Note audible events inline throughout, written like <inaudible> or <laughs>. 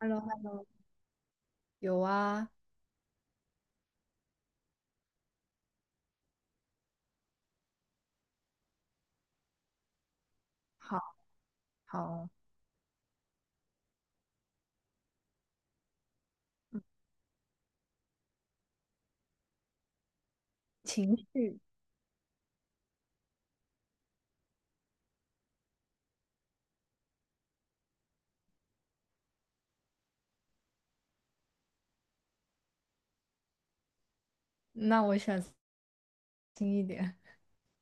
h e l l o h e l l o 有啊。好好。情绪。那我选轻一点，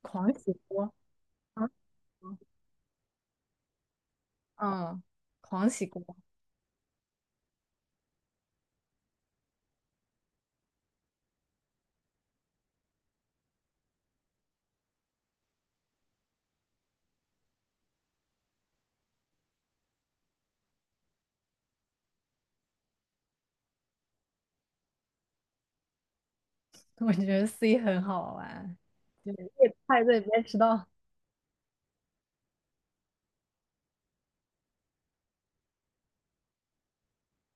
狂喜锅。啊，嗯嗯，狂喜锅。<laughs> 我觉得 C 很好玩，就是越派对别迟到。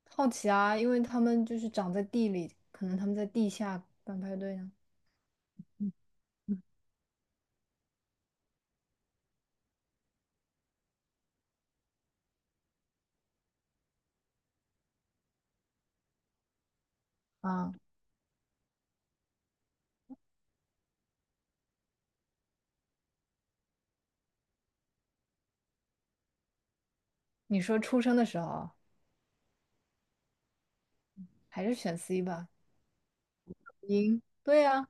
好奇啊，因为他们就是长在地里，可能他们在地下办派对呢。嗯嗯，啊，你说出生的时候，还是选 C 吧。赢对呀。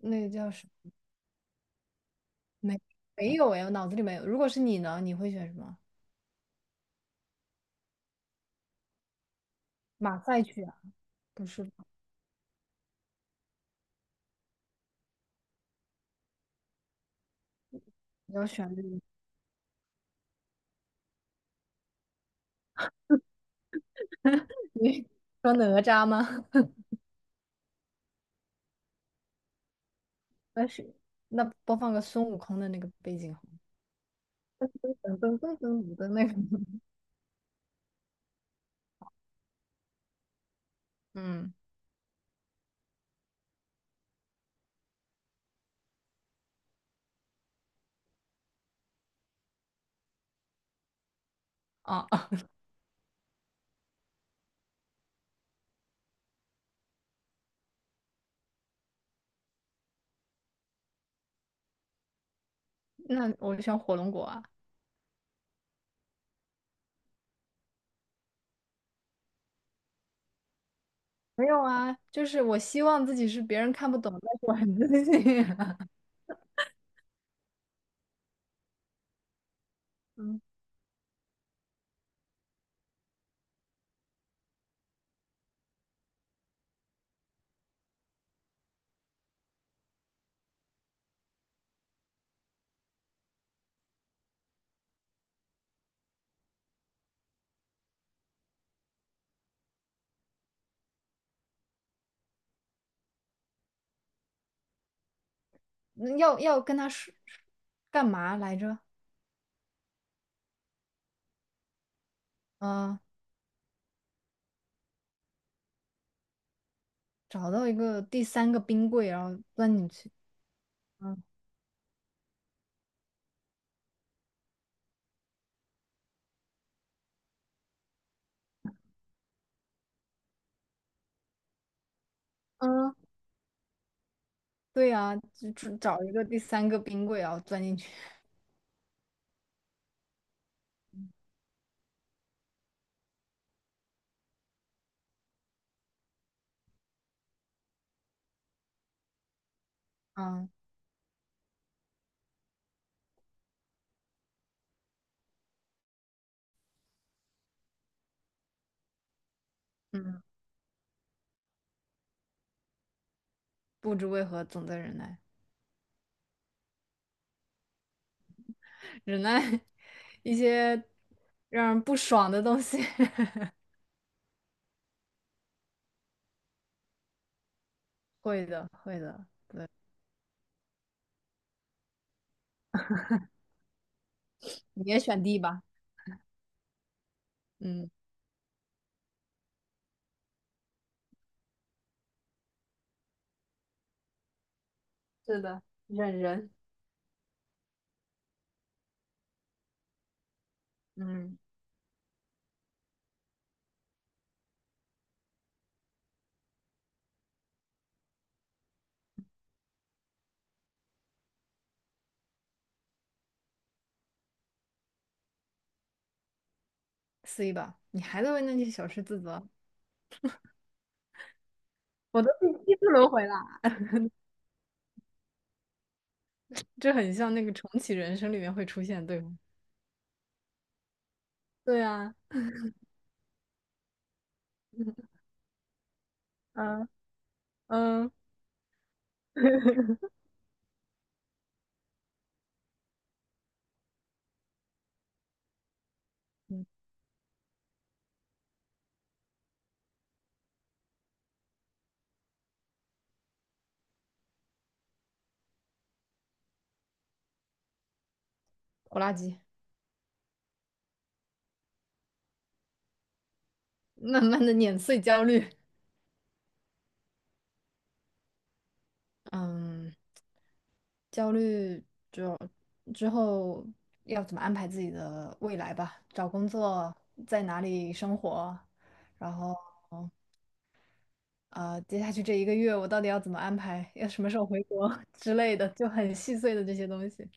那个叫什么？没没有哎，我脑子里没有。如果是你呢，你会选什么？马赛曲啊。不是吧，你要选这个。<laughs> 你说哪吒吗？那是那播放个孙悟空的那个背景好了，噔噔噔噔的那个。嗯，啊。<laughs> 那我就选火龙果啊。没有啊，就是我希望自己是别人看不懂，但是我很自信啊。 <laughs> 嗯。那要跟他说干嘛来着？嗯、找到一个第三个冰柜，然后钻进去。嗯嗯，对呀，就找一个第三个冰柜，然后钻进去。嗯嗯。不知为何总在忍耐，忍耐 <laughs> 一些让人不爽的东西。<laughs> 会的，会的，你也选 D 吧。嗯，是的，忍人。嗯，C 吧。你还在为那些小事自责，我都第七次轮回了。这很像那个重启人生里面会出现对吗？对啊。嗯嗯。<laughs> 嗯，拖拉机，慢慢的碾碎焦虑。嗯，焦虑就之后要怎么安排自己的未来吧，找工作，在哪里生活，然后接下去这一个月我到底要怎么安排，要什么时候回国 <laughs> 之类的，就很细碎的这些东西。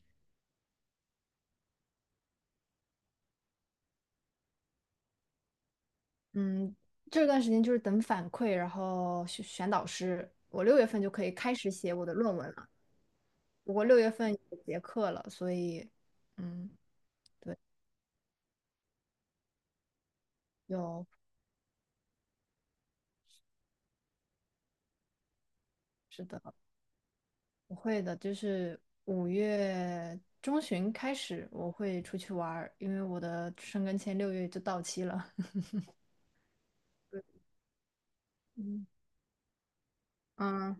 嗯，这段时间就是等反馈，然后选选导师。我六月份就可以开始写我的论文了，不过六月份有结课了，所以嗯，对，有是的。我会的，就是5月中旬开始我会出去玩儿，因为我的申根签六月就到期了。<laughs> 嗯。嗯。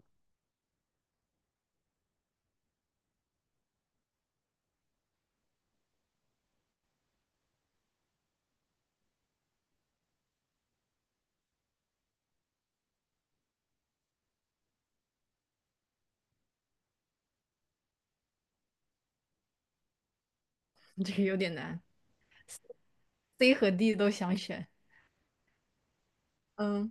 <laughs> 这个有点难，C 和 D 都想选。嗯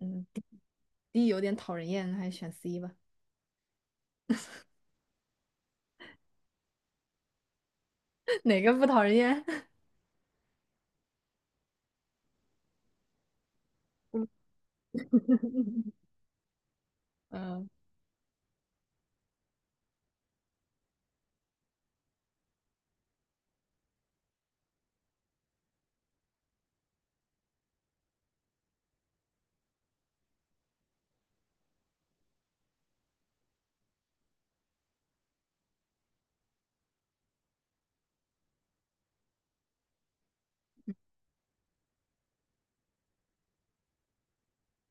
嗯，D 有点讨人厌，还是选 C 吧。<laughs> 哪个不讨人厌？<laughs> 嗯，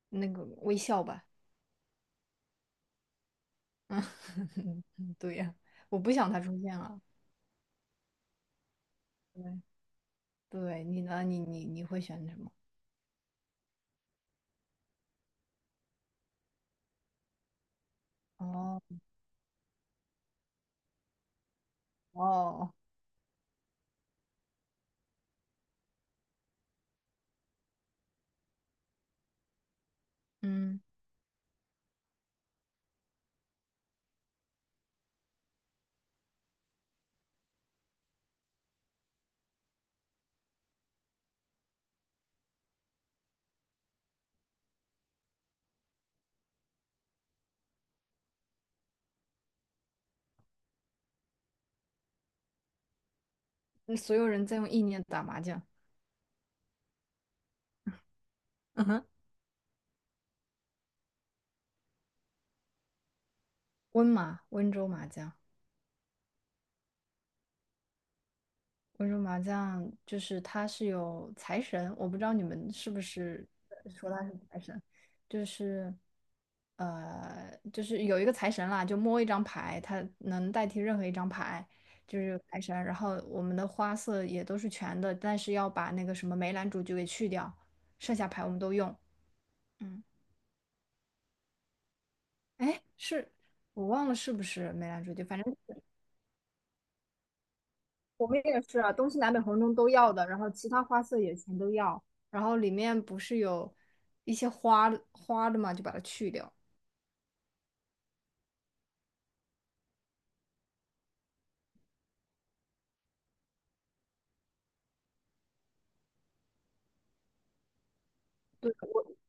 那个微笑吧。嗯。<laughs> 对呀，我不想他出现了。对，对你呢？你会选什么？哦哦，嗯，那所有人在用意念打麻将。<laughs> 温麻，温州麻将，温州麻将就是它是有财神，我不知道你们是不是说它是财神，就是就是有一个财神啦，就摸一张牌，它能代替任何一张牌，就是有财神。然后我们的花色也都是全的，但是要把那个什么梅兰竹菊给去掉，剩下牌我们都用。嗯，哎，是我忘了是不是梅兰竹菊，反正。我们也是啊，东西南北红中都要的，然后其他花色也全都要，然后里面不是有一些花花的嘛，就把它去掉。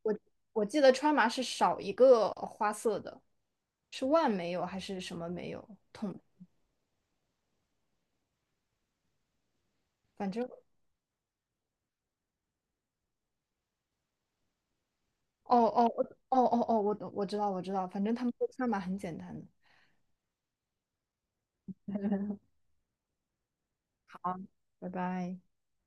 我我记得川麻是少一个花色的，是万没有还是什么没有？统，反正哦哦哦哦哦，哦我知道我知道，反正他们说川麻很简单的。<laughs> 好，拜拜。